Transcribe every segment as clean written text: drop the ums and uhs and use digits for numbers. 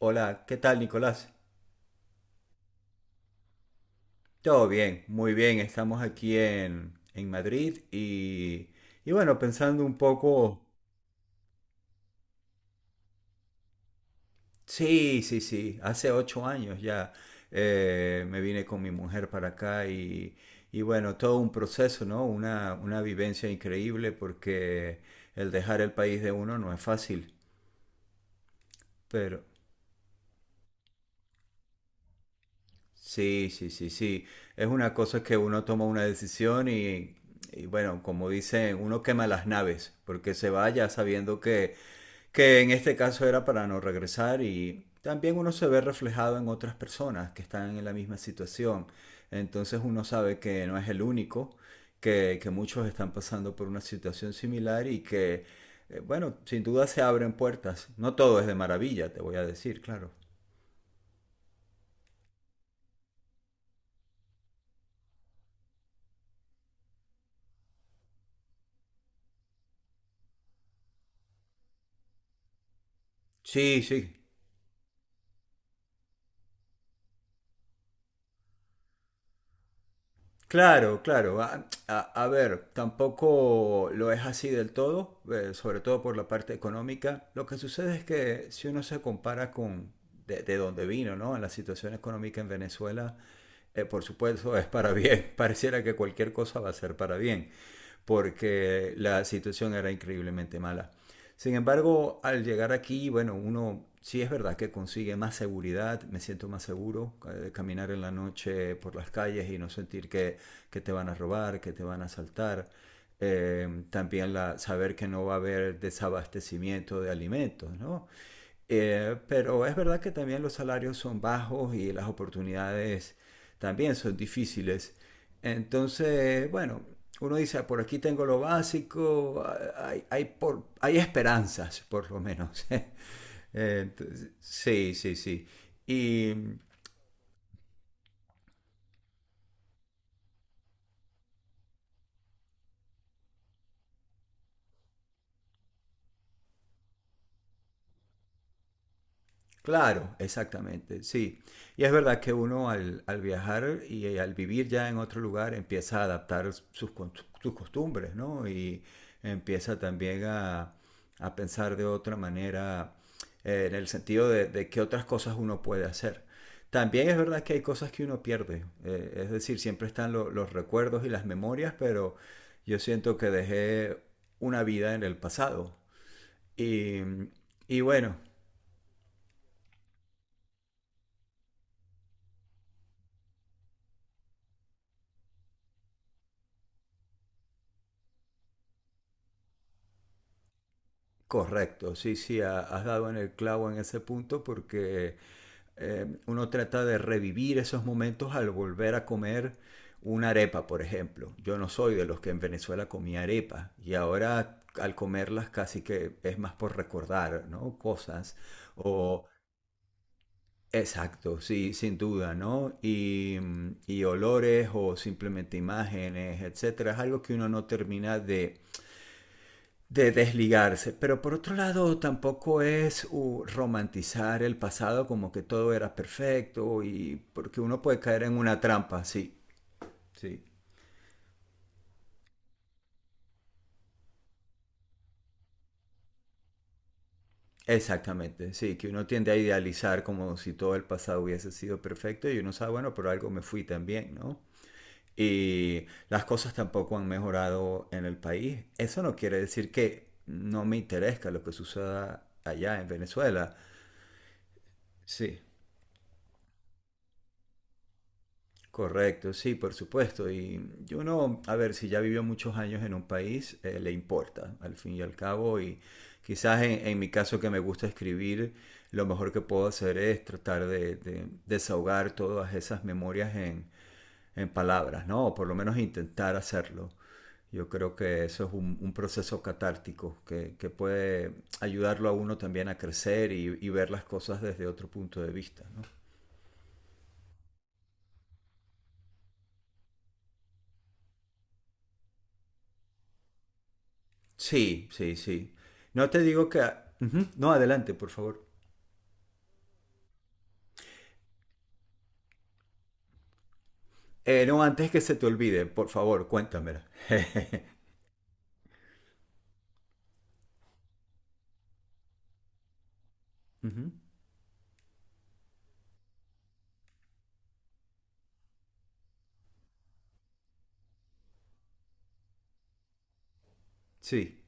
Hola, ¿qué tal, Nicolás? Todo bien, muy bien. Estamos aquí en Madrid y bueno, pensando un poco, sí, sí, sí, hace 8 años ya. Me vine con mi mujer para acá y bueno, todo un proceso, ¿no? Una vivencia increíble porque el dejar el país de uno no es fácil, pero sí, sí, sí, sí. Es una cosa que uno toma una decisión y bueno, como dicen, uno quema las naves porque se va ya sabiendo que en este caso era para no regresar, y también uno se ve reflejado en otras personas que están en la misma situación. Entonces uno sabe que no es el único, que muchos están pasando por una situación similar y que, bueno, sin duda se abren puertas. No todo es de maravilla, te voy a decir, claro. Sí, sí. Claro, claro. A ver, tampoco lo es así del todo, sobre todo por la parte económica. Lo que sucede es que si uno se compara con de dónde vino, ¿no? En la situación económica en Venezuela, por supuesto es para bien. Pareciera que cualquier cosa va a ser para bien, porque la situación era increíblemente mala. Sin embargo, al llegar aquí, bueno, uno sí es verdad que consigue más seguridad, me siento más seguro de caminar en la noche por las calles y no sentir que te van a robar, que te van a asaltar. También saber que no va a haber desabastecimiento de alimentos, ¿no? Pero es verdad que también los salarios son bajos y las oportunidades también son difíciles. Entonces, bueno, uno dice, "Ah, por aquí tengo lo básico, ah, hay, hay esperanzas, por lo menos". Entonces, sí, sí, sí. Y, claro, exactamente, sí. Y es verdad que uno al viajar y al vivir ya en otro lugar empieza a adaptar sus costumbres, ¿no? Y empieza también a pensar de otra manera, en el sentido de qué otras cosas uno puede hacer. También es verdad que hay cosas que uno pierde, es decir, siempre están los recuerdos y las memorias, pero yo siento que dejé una vida en el pasado. Y, y bueno, correcto, sí, sí, has dado en el clavo en ese punto porque uno trata de revivir esos momentos al volver a comer una arepa, por ejemplo. Yo no soy de los que en Venezuela comía arepa, y ahora al comerlas casi que es más por recordar, ¿no? Cosas o... Exacto, sí, sin duda, ¿no? Y, y olores o simplemente imágenes, etcétera, es algo que uno no termina de desligarse, pero por otro lado tampoco es romantizar el pasado como que todo era perfecto y porque uno puede caer en una trampa, sí, sí, exactamente, sí, que uno tiende a idealizar como si todo el pasado hubiese sido perfecto, y uno sabe, bueno, pero algo me fui también, ¿no? Y las cosas tampoco han mejorado en el país. Eso no quiere decir que no me interesa lo que suceda allá en Venezuela. Sí, correcto, sí, por supuesto. Y yo no, a ver, si ya vivió muchos años en un país, le importa, al fin y al cabo. Y quizás en mi caso que me gusta escribir, lo mejor que puedo hacer es tratar de desahogar todas esas memorias en palabras, ¿no? O por lo menos intentar hacerlo. Yo creo que eso es un proceso catártico que puede ayudarlo a uno también a crecer y ver las cosas desde otro punto de vista, ¿no? Sí, sí, sí. No te digo que... Ujú. No, adelante, por favor. No, antes que se te olvide, por favor, cuéntamela. Ujú. Sí.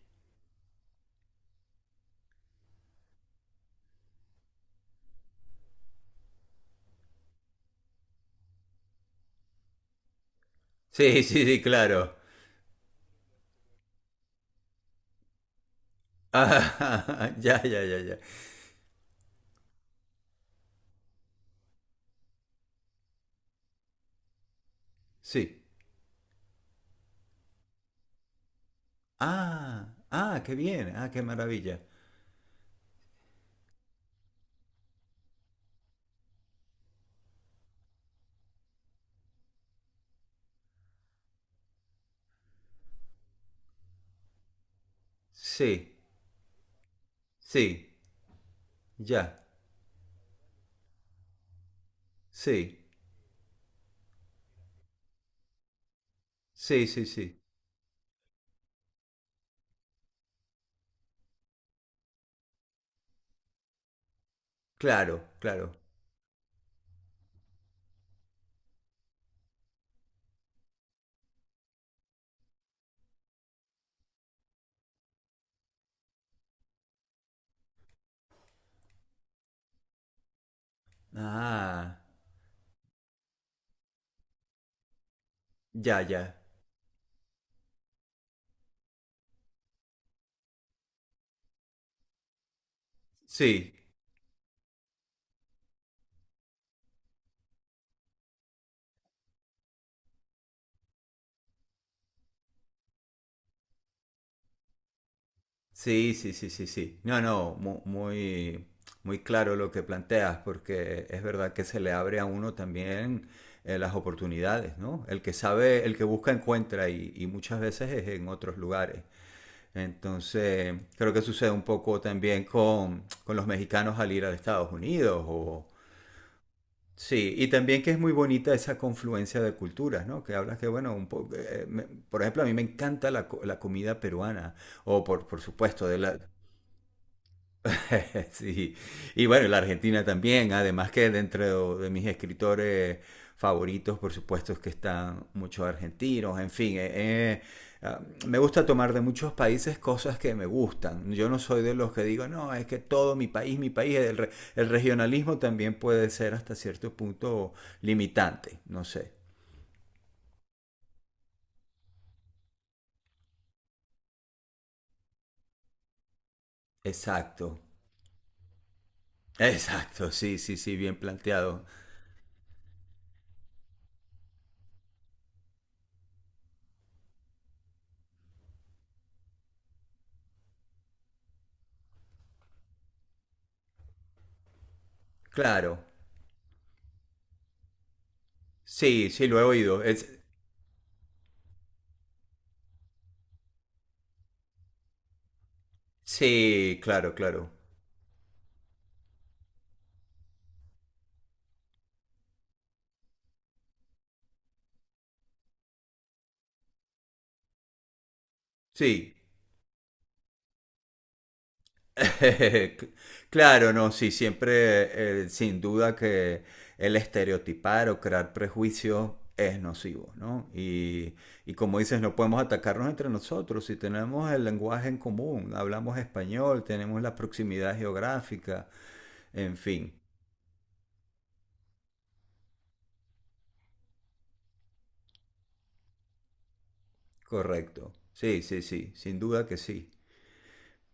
Sí, sí, sí, claro. Ah, ya, ya, ya, ya. Sí. Ah, ah, qué bien. Ah, qué maravilla. Sí, sí, ya. Sí, sí, sí, sí. Claro, claro. Ah, ya, ya. Sí, sí, sí, sí, sí, sí. No, no, muy, muy claro lo que planteas, porque es verdad que se le abre a uno también, las oportunidades, ¿no? El que sabe, el que busca encuentra, y muchas veces es en otros lugares. Entonces, creo que sucede un poco también con los mexicanos al ir a Estados Unidos o... Sí, y también que es muy bonita esa confluencia de culturas, ¿no? Que hablas que, bueno, por ejemplo, a mí me encanta la comida peruana, por supuesto, de la, sí, y bueno, y la Argentina también, además que dentro de mis escritores favoritos, por supuesto, es que están muchos argentinos, en fin, eh, ah, me gusta tomar de muchos países cosas que me gustan. Yo no soy de los que digo, no, es que todo mi país, el regionalismo también puede ser hasta cierto punto limitante, no sé. Exacto, exacto, sí, sí, sí, bien planteado. Claro, sí, sí, lo he oído. Es, sí, claro, claro. Sí, claro, no, sí, siempre, sin duda que el estereotipar o crear prejuicios es nocivo, ¿no? Y como dices, no podemos atacarnos entre nosotros si tenemos el lenguaje en común, hablamos español, tenemos la proximidad geográfica, en fin, correcto. Sí, sí, sí, sin duda que sí.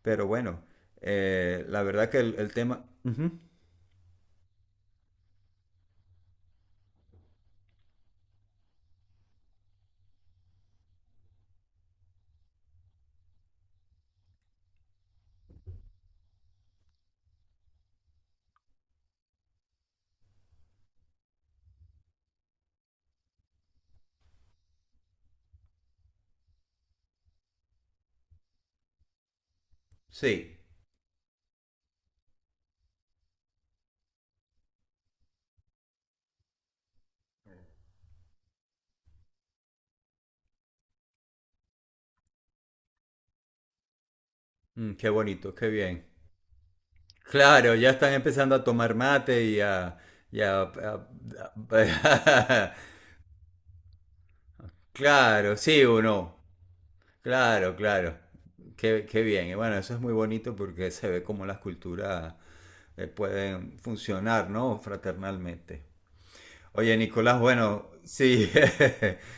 Pero bueno, la verdad que el tema... Ujú. Sí. Mm, qué bonito, qué bien. Claro, ya están empezando a tomar mate y a... y a- a- a- claro, sí o no. Claro, claro. Qué, qué bien. Y bueno, eso es muy bonito porque se ve cómo las culturas, pueden funcionar, ¿no? Fraternalmente. Oye, Nicolás, bueno, sí.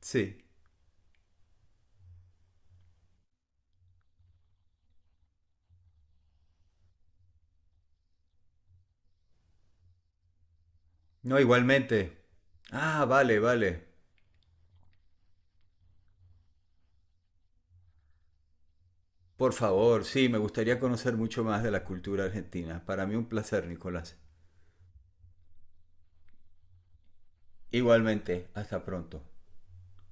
Sí. No, igualmente. Ah, vale, vale. Por favor, sí, me gustaría conocer mucho más de la cultura argentina. Para mí un placer, Nicolás. Igualmente, hasta pronto.